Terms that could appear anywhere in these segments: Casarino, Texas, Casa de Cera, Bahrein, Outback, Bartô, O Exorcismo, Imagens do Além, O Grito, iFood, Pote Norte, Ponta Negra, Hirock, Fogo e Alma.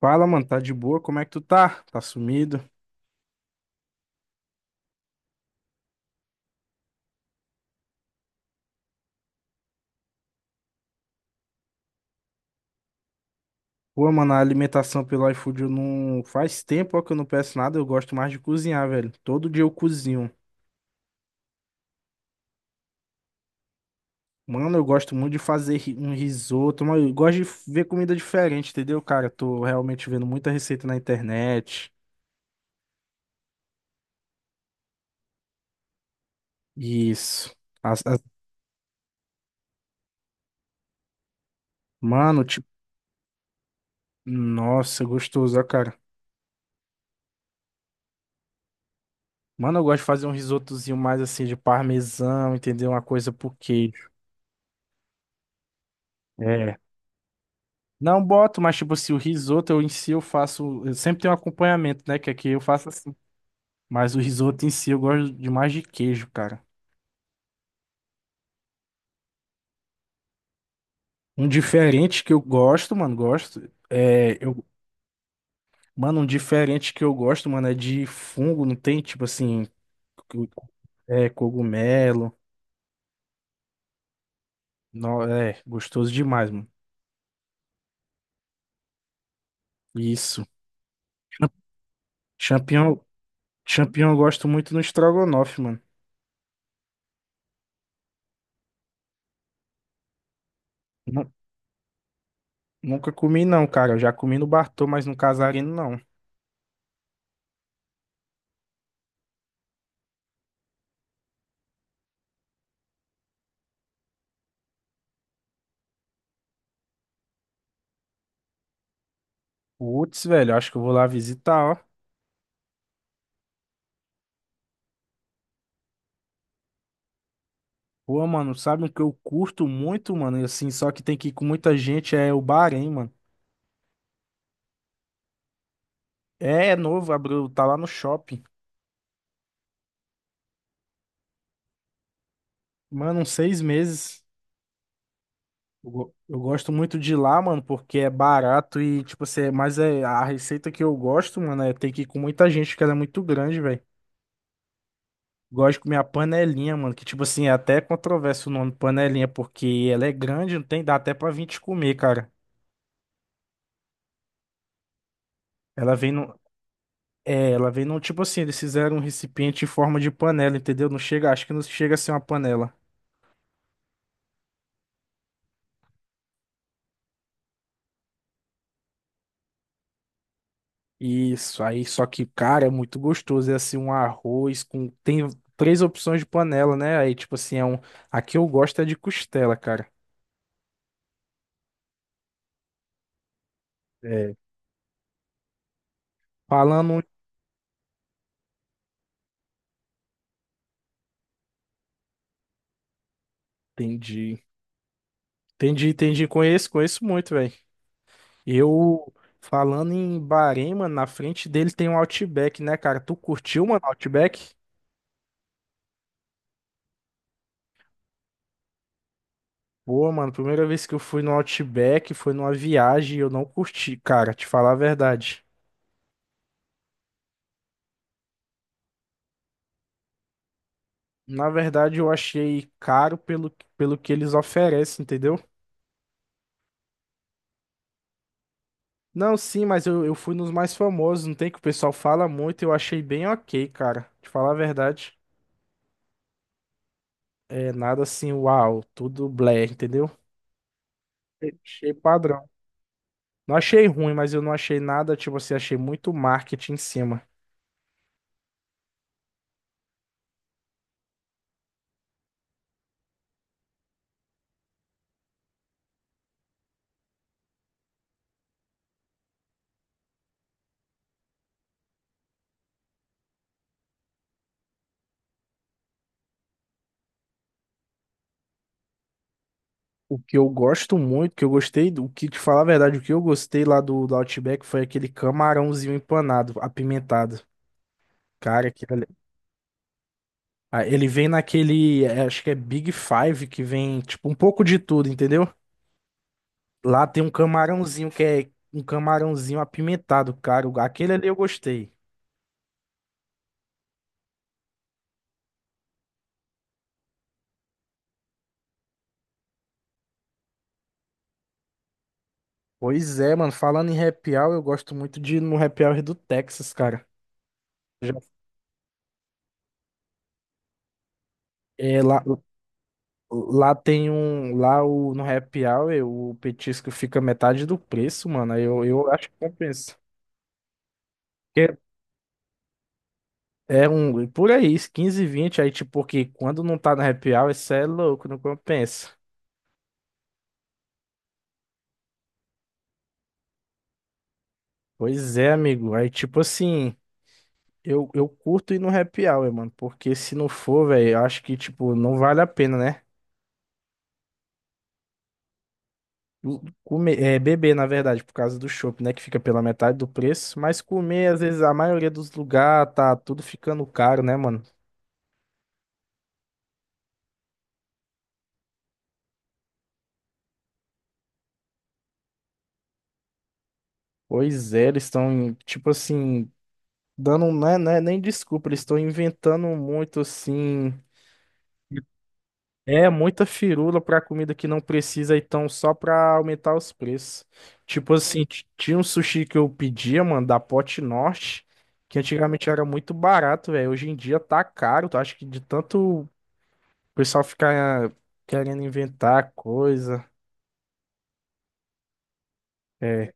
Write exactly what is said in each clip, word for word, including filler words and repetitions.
Fala, mano, tá de boa? Como é que tu tá? Tá sumido? Pô, mano, a alimentação pelo iFood eu não. Faz tempo ó, que eu não peço nada, eu gosto mais de cozinhar, velho. Todo dia eu cozinho. Mano, eu gosto muito de fazer ri- um risoto, mano, eu gosto de ver comida diferente, entendeu, cara? Eu tô realmente vendo muita receita na internet. Isso. As- as- Mano, tipo. Nossa, gostoso, ó, cara. Mano, eu gosto de fazer um risotozinho mais assim de parmesão, entendeu? Uma coisa por queijo. É. Não boto, mas tipo, se o risoto eu em si eu faço. Eu sempre tenho um acompanhamento, né? Que aqui eu faço assim. Mas o risoto em si eu gosto demais de queijo, cara. Um diferente que eu gosto, mano, gosto. É. Eu, mano, um diferente que eu gosto, mano, é de fungo, não tem? Tipo assim. co- É, cogumelo. Não, é, gostoso demais, mano. Isso. Cham- Champignon, champignon eu gosto muito no estrogonofe, mano. Nu- Nunca comi, não, cara. Eu já comi no Bartô, mas no Casarino, não. Putz, velho, acho que eu vou lá visitar, ó. Pô, mano, sabe o que eu curto muito, mano? E assim, só que tem que ir com muita gente, é o Bahrein, mano. É, é novo, abriu, tá lá no shopping. Mano, uns seis meses. Eu, go- eu gosto muito de ir lá, mano, porque é barato e, tipo assim, é- mas é, a receita que eu gosto, mano, é ter que ir com muita gente, porque ela é muito grande, velho. Gosto de comer a panelinha, mano, que, tipo assim, é até controverso o nome panelinha, porque ela é grande, não tem, dá até pra vinte comer, cara. Ela vem, no, É, ela vem num tipo assim, eles fizeram um recipiente em forma de panela, entendeu? Não chega, acho que não chega a ser uma panela. Isso, aí só que, cara, é muito gostoso. É assim, um arroz com. Tem três opções de panela, né? Aí, tipo assim, é um. A que eu gosto é de costela, cara. É. Falando. Entendi. Entendi, entendi. Conheço, conheço muito, velho. Eu. Falando em Bahrein, mano, na frente dele tem um Outback, né, cara? Tu curtiu, mano, Outback? Pô, mano, primeira vez que eu fui no Outback foi numa viagem e eu não curti, cara, te falar a verdade. Na verdade, eu achei caro pelo, pelo que eles oferecem, entendeu? Não, sim, mas eu, eu, fui nos mais famosos, não tem que o pessoal fala muito, eu achei bem ok, cara. Te falar a verdade, é nada assim, uau, tudo blé, entendeu? Achei padrão. Não achei ruim, mas eu não achei nada, tipo assim, achei muito marketing em cima. O que eu gosto muito, que eu gostei, do o que te falar a verdade, o que eu gostei lá do, do, Outback foi aquele camarãozinho empanado, apimentado. Cara, aquilo ali- Ah, ele vem naquele, é, acho que é Big Five, que vem, tipo, um pouco de tudo, entendeu? Lá tem um camarãozinho que é um camarãozinho apimentado, cara. o- Aquele ali eu gostei. Pois é, mano, falando em happy hour, eu gosto muito de ir no happy hour do Texas, cara. Já, é lá, Lá tem um. Lá o, no Happy Hour, o petisco fica metade do preço, mano. Aí eu, eu acho que compensa. Porque é um. Por aí, quinze, vinte Aí, tipo, porque quando não tá no Happy Hour, isso é louco, não compensa. Pois é, amigo. Aí, tipo assim. Eu, eu curto ir no Happy Hour, mano. Porque se não for, velho, eu acho que, tipo, não vale a pena, né? O- Comer, é, beber, na verdade, por causa do chopp, né? Que fica pela metade do preço. Mas comer, às vezes, a maioria dos lugares tá tudo ficando caro, né, mano? Pois é, eles estão, tipo assim, dando, né, né, nem desculpa, eles estão inventando muito, assim, é, muita firula pra comida que não precisa, então, só pra aumentar os preços. Tipo assim, t- tinha um sushi que eu pedia, mano, da Pote Norte, que antigamente era muito barato, velho, hoje em dia tá caro, eu acho que de tanto o pessoal ficar eh, querendo inventar coisa, é,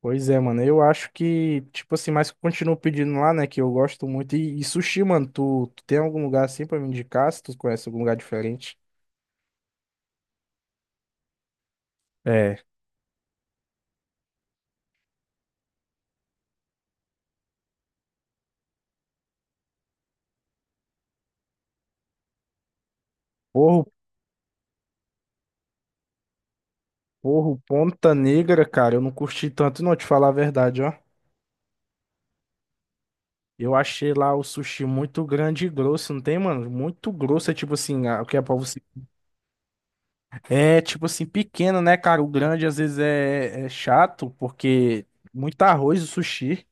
Pois é, mano. Eu acho que, tipo assim, mas continuo pedindo lá, né? Que eu gosto muito. E, e sushi, mano, tu, tu tem algum lugar assim pra me indicar? Se tu conhece algum lugar diferente? É. Porro, porro, Ponta Negra, cara. Eu não curti tanto, não, te falar a verdade, ó. Eu achei lá o sushi muito grande e grosso, não tem, mano? Muito grosso, é tipo assim, ah, o que é pra você. É tipo assim, pequeno, né, cara? O grande às vezes é, é chato, porque muito arroz o sushi.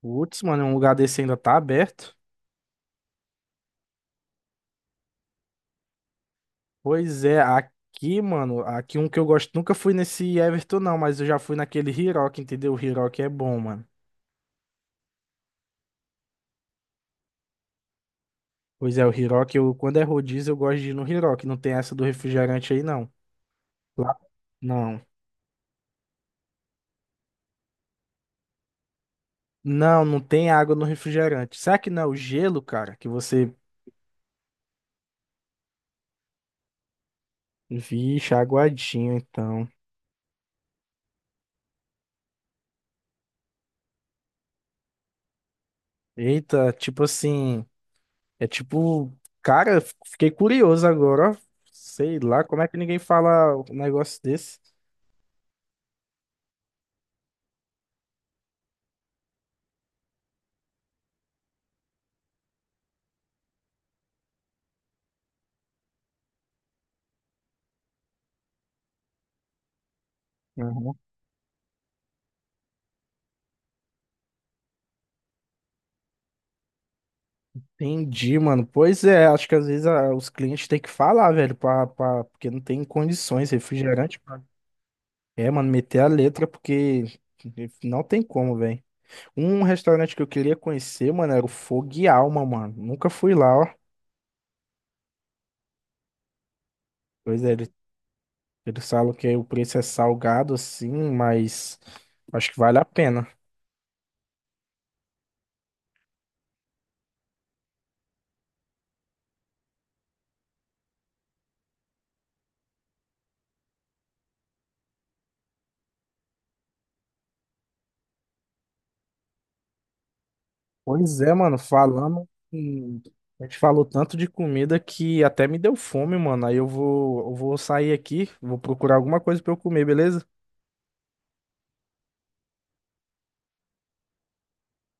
Putz, mano, um lugar desse ainda tá aberto. Pois é, aqui, mano, aqui um que eu gosto, nunca fui nesse Everton não, mas eu já fui naquele Hirock, entendeu? O Hirock é bom, mano. Pois é, o Hirock, eu, quando é rodízio, eu gosto de ir no Hirock, não tem essa do refrigerante aí não. Lá, não. Não, não tem água no refrigerante. Será que não é o gelo, cara? Que você, vixe, aguadinho, então. Eita, tipo assim, é tipo, cara, eu fiquei curioso agora, ó. Sei lá, como é que ninguém fala um negócio desse? Entendi, mano. Pois é, acho que às vezes ah, os clientes têm que falar, velho, pra, pra- porque não tem condições, refrigerante. pra- É, mano, meter a letra porque não tem como, velho. Um restaurante que eu queria conhecer, mano, era o Fogo e Alma, mano. Nunca fui lá, ó. Pois é, ele- eles falam que o preço é salgado, assim, mas acho que vale a pena. Pois é, mano, falando em- A gente falou tanto de comida que até me deu fome, mano. Aí eu vou, eu vou sair aqui, vou procurar alguma coisa pra eu comer, beleza?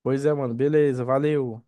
Pois é, mano, beleza, valeu.